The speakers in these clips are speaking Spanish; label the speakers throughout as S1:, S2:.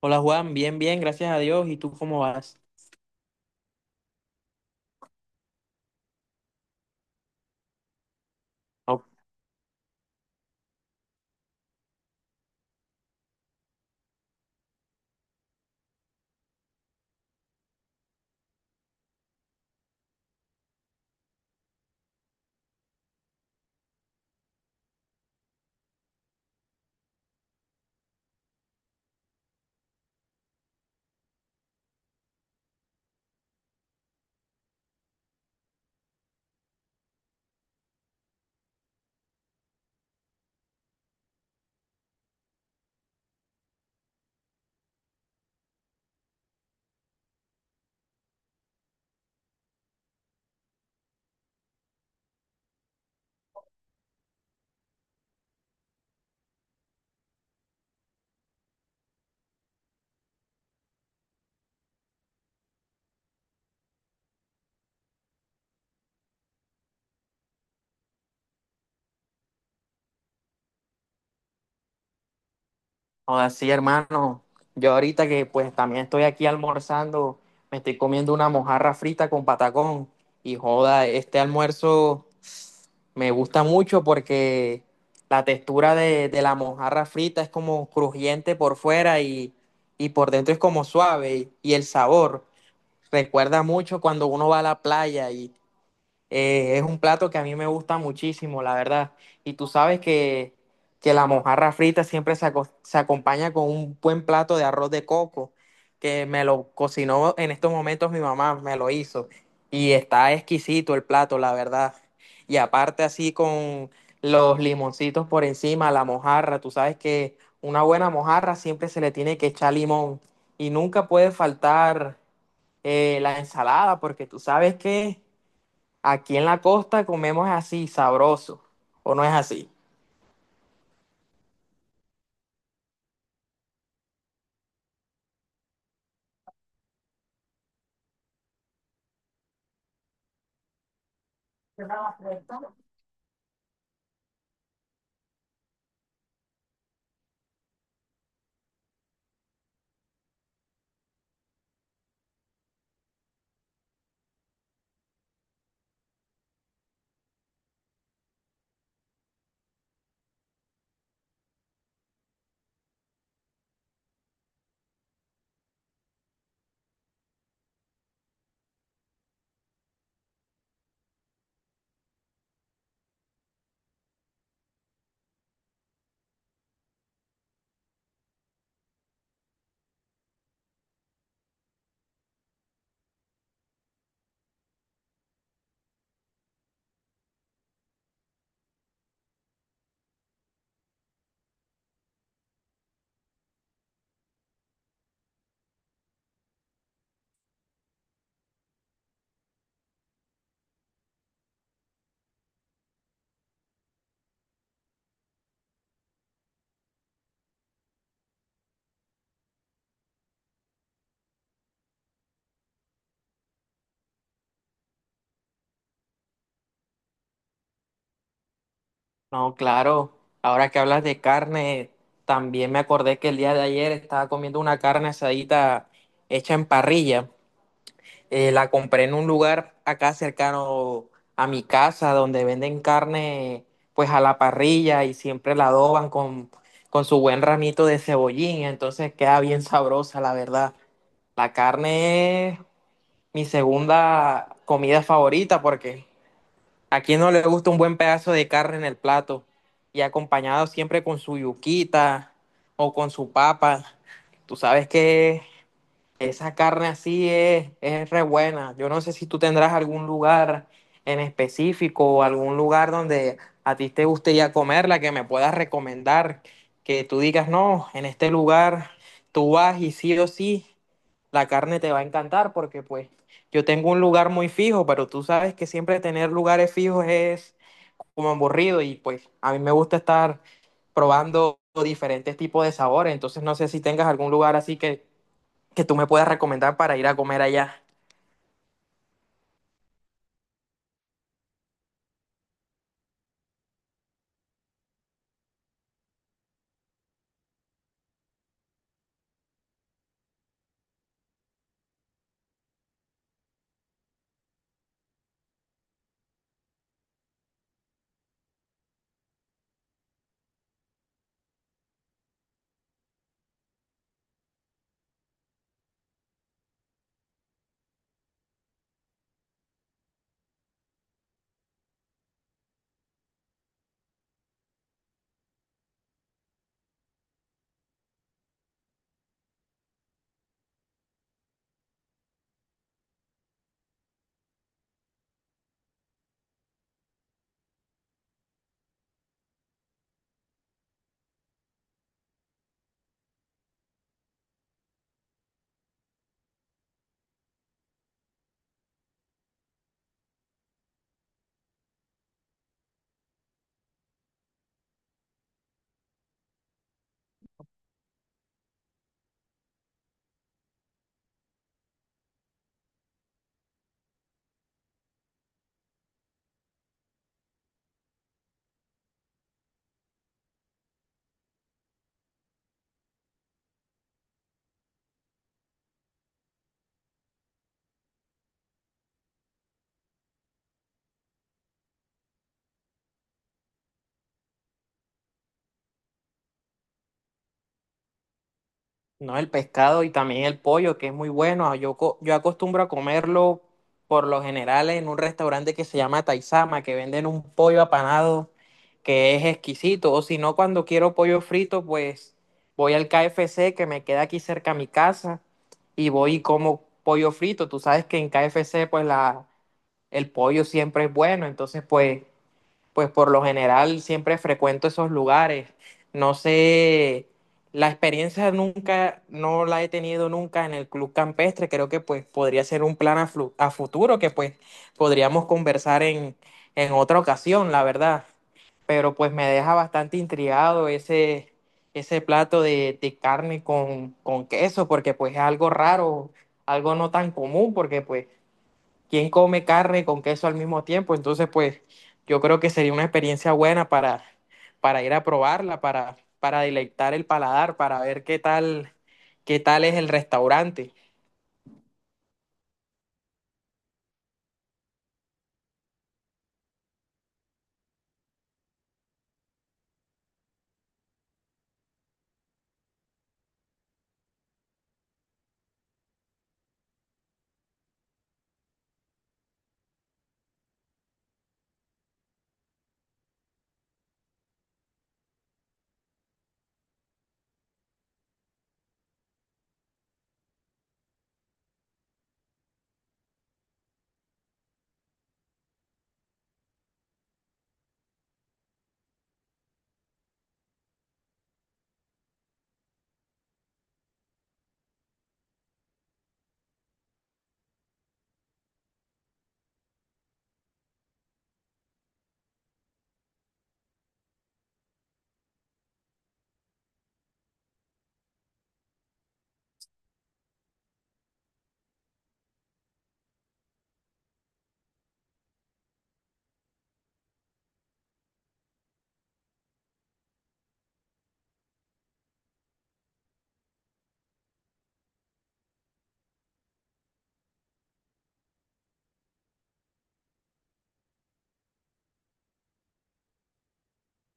S1: Hola Juan, bien, bien, gracias a Dios. ¿Y tú cómo vas? O- Ahora sí, hermano. Yo ahorita que pues también estoy aquí almorzando, me estoy comiendo una mojarra frita con patacón. Y joda, este almuerzo me gusta mucho porque la textura de la mojarra frita es como crujiente por fuera y por dentro es como suave. Y el sabor recuerda mucho cuando uno va a la playa. Es un plato que a mí me gusta muchísimo, la verdad. Y tú sabes que la mojarra frita siempre se, se acompaña con un buen plato de arroz de coco, que me lo cocinó en estos momentos mi mamá, me lo hizo. Y está exquisito el plato, la verdad. Y aparte así con los limoncitos por encima, la mojarra, tú sabes que una buena mojarra siempre se le tiene que echar limón. Y nunca puede faltar la ensalada, porque tú sabes que... Aquí en la costa comemos así, sabroso, ¿o no es así? No, claro, ahora que hablas de carne, también me acordé que el día de ayer estaba comiendo una carne asadita hecha en parrilla. La compré en un lugar acá cercano a mi casa donde venden carne pues a la parrilla y siempre la adoban con su buen ramito de cebollín, entonces queda bien sabrosa, la verdad. La carne es mi segunda comida favorita porque, ¿a quién no le gusta un buen pedazo de carne en el plato? Y acompañado siempre con su yuquita o con su papa. Tú sabes que esa carne así es re buena. Yo no sé si tú tendrás algún lugar en específico o algún lugar donde a ti te guste ya comerla, que me puedas recomendar, que tú digas, no, en este lugar tú vas y sí o sí, la carne te va a encantar, porque pues yo tengo un lugar muy fijo, pero tú sabes que siempre tener lugares fijos es como aburrido y pues a mí me gusta estar probando diferentes tipos de sabores, entonces no sé si tengas algún lugar así que tú me puedas recomendar para ir a comer allá. No, el pescado y también el pollo, que es muy bueno. Ah, yo, yo acostumbro a comerlo por lo general en un restaurante que se llama Taizama, que venden un pollo apanado que es exquisito. O si no, cuando quiero pollo frito, pues voy al KFC que me queda aquí cerca a mi casa y voy y como pollo frito. Tú sabes que en KFC, pues el pollo siempre es bueno. Entonces, pues por lo general siempre frecuento esos lugares. No sé, la experiencia nunca, no la he tenido nunca en el Club Campestre. Creo que pues podría ser un plan a, a futuro que pues podríamos conversar en otra ocasión, la verdad. Pero pues me deja bastante intrigado ese, ese plato de carne con queso, porque pues es algo raro, algo no tan común, porque pues quién come carne con queso al mismo tiempo. Entonces, pues yo creo que sería una experiencia buena para ir a probarla, para deleitar el paladar, para ver qué tal es el restaurante.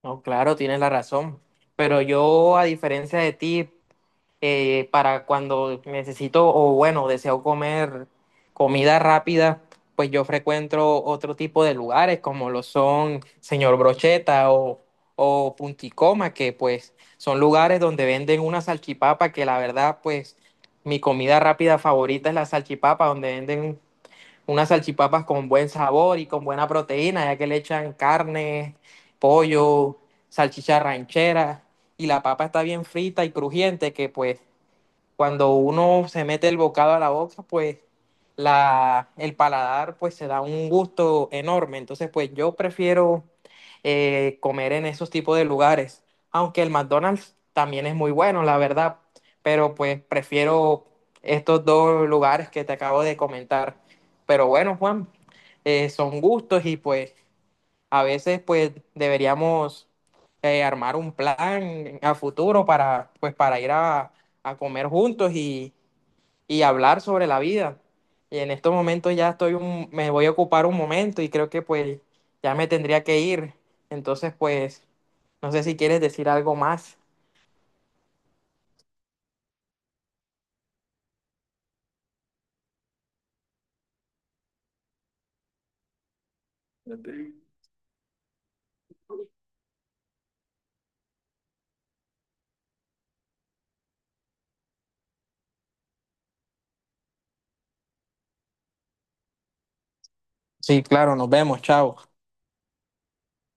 S1: No, claro, tienes la razón. Pero yo, a diferencia de ti, para cuando necesito o bueno, deseo comer comida rápida, pues yo frecuento otro tipo de lugares como lo son Señor Brocheta o Punticoma, que pues son lugares donde venden una salchipapa que la verdad pues mi comida rápida favorita es la salchipapa, donde venden unas salchipapas con buen sabor y con buena proteína, ya que le echan carne, pollo, salchicha ranchera y la papa está bien frita y crujiente que pues cuando uno se mete el bocado a la boca, pues el paladar pues se da un gusto enorme. Entonces, pues yo prefiero comer en esos tipos de lugares, aunque el McDonald's también es muy bueno, la verdad, pero pues prefiero estos dos lugares que te acabo de comentar. Pero bueno, Juan, son gustos y pues a veces pues deberíamos armar un plan a futuro para, pues, para ir a comer juntos y hablar sobre la vida. Y en estos momentos ya estoy un, me voy a ocupar un momento y creo que pues ya me tendría que ir. Entonces pues no sé si quieres decir algo más. Sí, claro, nos vemos, chao.